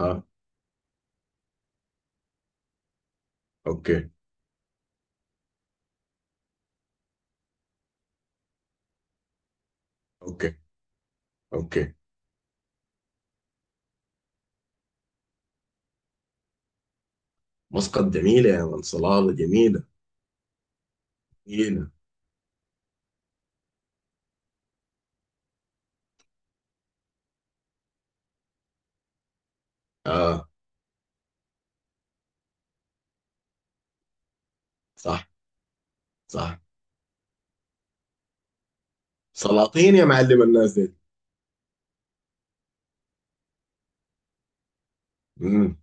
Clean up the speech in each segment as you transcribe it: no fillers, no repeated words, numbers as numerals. اه، اوكي، اوكي، اوكي. مسقط جميلة يا من، صلالة جميلة جميلة. اه، صح، صح. سلاطين يا معلم الناس دي. امم.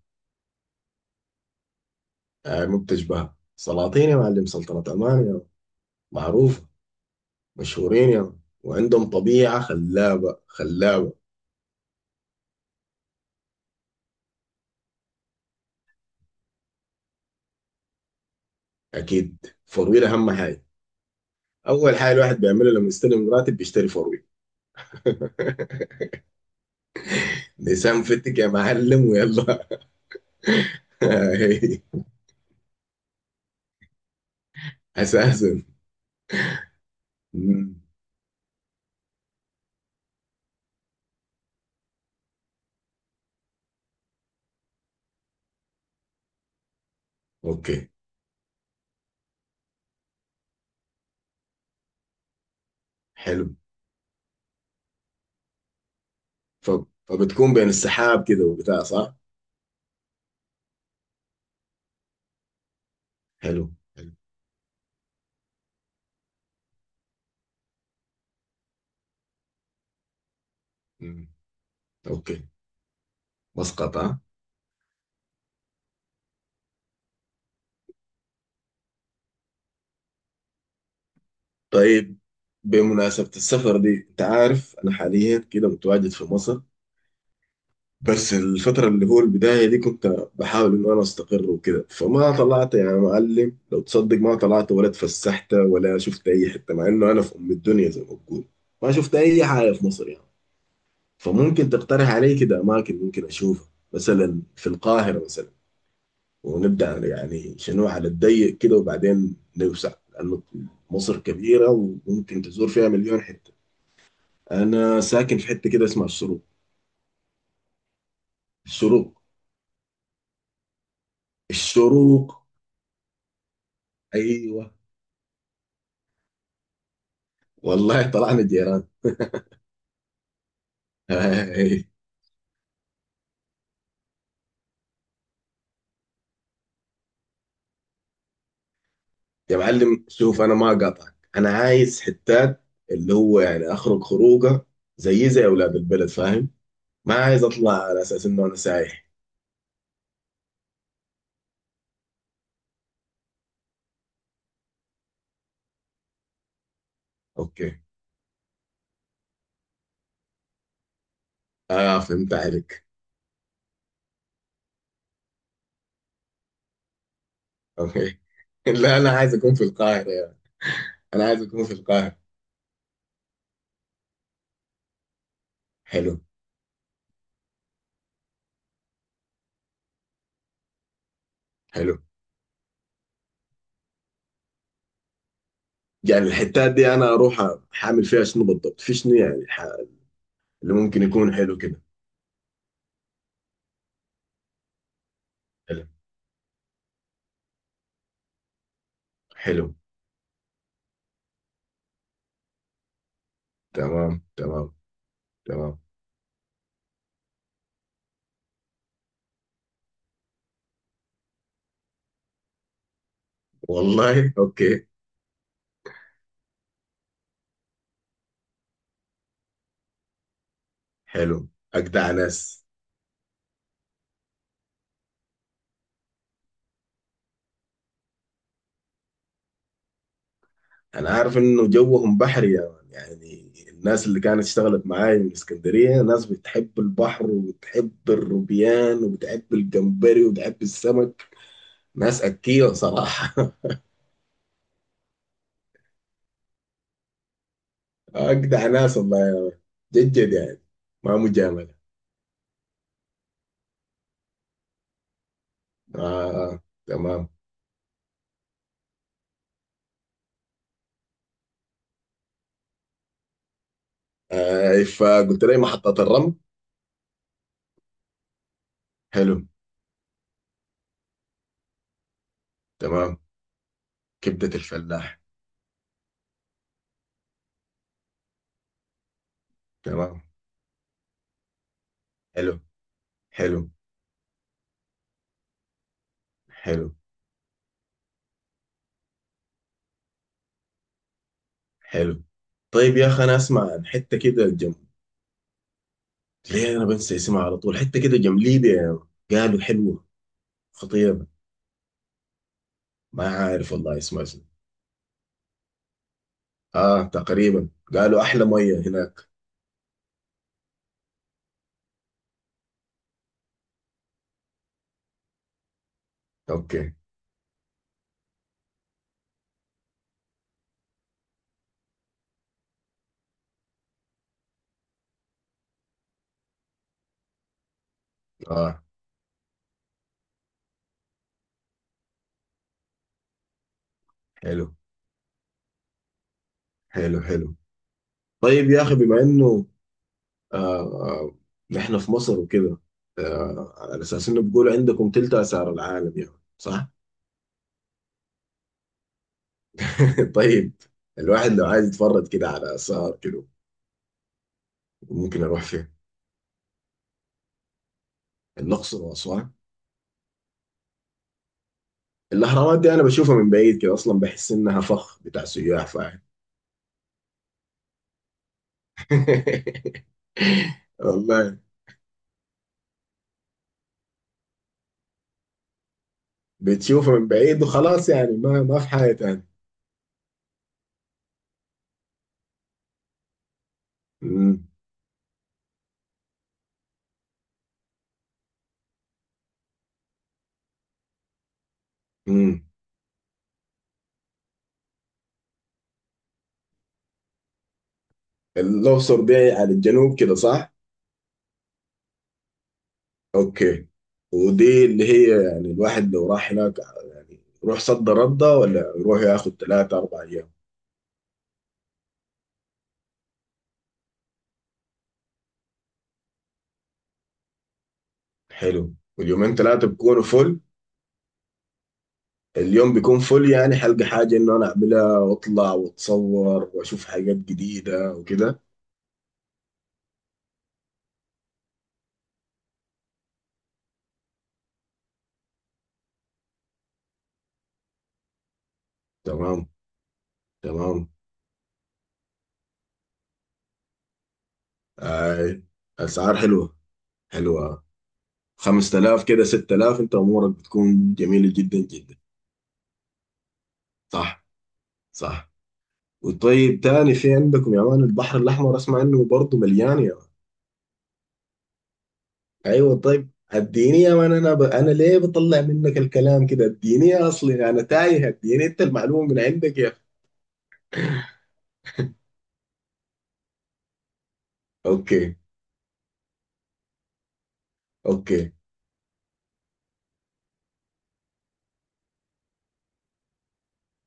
آه، مو بتشبهها سلاطين يا معلم، سلطنة عمان يا من. معروفة. مشهورين يا من. وعندهم طبيعة خلابة خلابة. اكيد. فرويل اهم حاجة. اول حاجة الواحد بيعملها لما يستلم راتب بيشتري فرويل. لسان فتك يا معلم، ويلا. اساسا. مم. اوكي، حلو. ف... فبتكون بين السحاب كده وبتاع، صح؟ حلو، حلو. مم. اوكي. مسقط، ها. طيب، بمناسبة السفر دي، انت عارف انا حاليا كده متواجد في مصر. بس الفترة اللي هو البداية دي كنت بحاول انه انا استقر وكده، فما طلعت يا معلم، لو تصدق ما طلعت ولا اتفسحت ولا شفت اي حتة، مع انه انا في ام الدنيا زي ما بقول. ما شفت اي حاجة في مصر يعني. فممكن تقترح علي كده اماكن ممكن اشوفها، مثلا في القاهرة مثلا، ونبدأ يعني شنو على الضيق كده، وبعدين نوسع، لأنه مصر كبيرة وممكن تزور فيها مليون حتة. أنا ساكن في حتة كده اسمها الشروق. الشروق. الشروق. أيوة. والله طلعنا جيران. يا معلم، شوف، أنا ما قاطعك، أنا عايز حتات، اللي هو يعني أخرج خروجة زي أولاد البلد، فاهم. ما عايز أطلع على أساس إنه أنا سايح. أوكي. آه، فهمت عليك. أوكي. لا، أنا عايز أكون في القاهرة يا. أنا عايز أكون في القاهرة. حلو. حلو. يعني الحتات دي انا اروح حامل فيها شنو بالضبط، في شنو يعني اللي ممكن يكون حلو كده. حلو. حلو. تمام، تمام، تمام. والله. اوكي. حلو، اجدع ناس. انا عارف انه جوهم بحري يا مان. يعني الناس اللي كانت اشتغلت معايا من اسكندريه، ناس بتحب البحر وبتحب الروبيان وبتحب الجمبري وبتحب السمك. ناس اكيه صراحه. اجدع ناس والله. جد جد يعني. ما مجامله. آه، آه. تمام. آه، فقلت لي محطة الرمل. حلو. تمام. كبدة الفلاح. تمام. حلو. حلو. حلو. حلو. طيب يا أخي، أنا أسمع عن حتة كده جنب، ليه أنا بنسى اسمها على طول، حتة كده جنب ليبيا يعني. قالوا حلوة، خطيرة. ما عارف والله اسمها شنو. آه، تقريبا قالوا أحلى مية هناك. أوكي. آه، حلو، حلو، حلو. طيب يا أخي، بما إنه آه آه، نحن في مصر وكده، على أساس إنه بيقولوا عندكم تلت آثار العالم يعني، صح؟ طيب. الواحد لو عايز يتفرج كده على آثار كده، ممكن أروح فين؟ الأقصر وأسوان. الأهرامات دي أنا بشوفها من بعيد كده أصلا، بحس إنها فخ بتاع سياح، فاهم. والله. بتشوفها من بعيد وخلاص يعني، ما في حاجة تاني. امم. امم. الأقصر دي على الجنوب كده، صح؟ أوكي. ودي اللي هي يعني الواحد لو راح هناك، يعني يروح صد ردة ولا يروح ياخد ثلاثة أربع أيام؟ حلو. واليومين ثلاثة بيكونوا فل. اليوم بيكون فل، يعني حلقة حاجة إنه أنا أعملها وأطلع وأتصور وأشوف حاجات جديدة وكده. تمام، تمام. آي. أسعار حلوة. حلوة 5000 كده 6000، أنت أمورك بتكون جميلة جدا جدا. صح، صح. وطيب، تاني في عندكم يا مان البحر الأحمر، أسمع إنه برضه مليان يا مان. أيوة. طيب اديني يا مان، أنا ليه بطلع منك الكلام كده؟ اديني، أصلي أنا تايه، اديني أنت المعلومة من عندك يا أخي. أوكي. أوكي.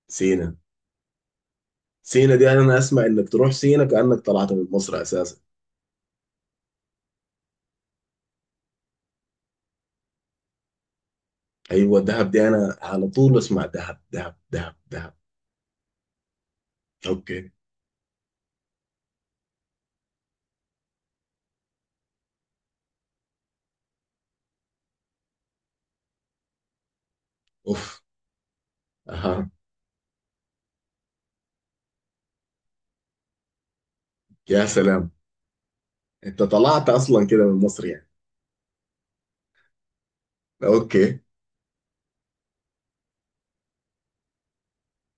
سينا. سينا دي انا اسمع انك تروح سينا كانك طلعت من مصر اساسا. ايوه، دهب دي انا على طول اسمع دهب، دهب، دهب، دهب. اوكي. اوف. اها. يا سلام. انت طلعت اصلا كده من مصر يعني. اوكي.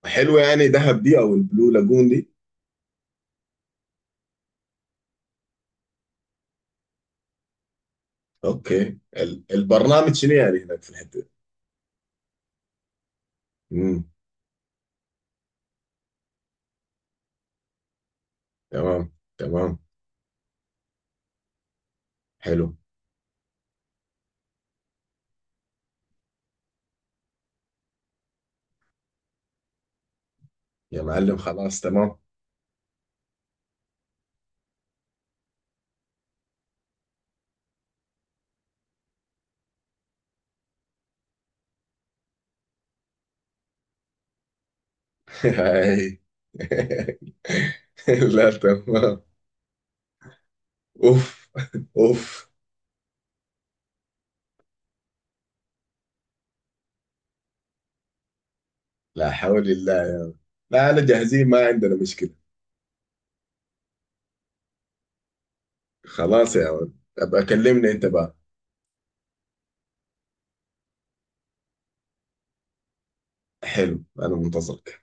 حلو، يعني دهب دي او البلو لاجون دي. اوكي، البرنامج شنو يعني هناك في الحته دي؟ امم. تمام، تمام. حلو. يا معلم، خلاص، تمام. هاي. لا، تمام. اوف. اوف. لا حول الله. لا، أنا جاهزين، ما عندنا مشكلة. خلاص يا ولد، أبقى كلمني أنت بقى. حلو، أنا منتظرك.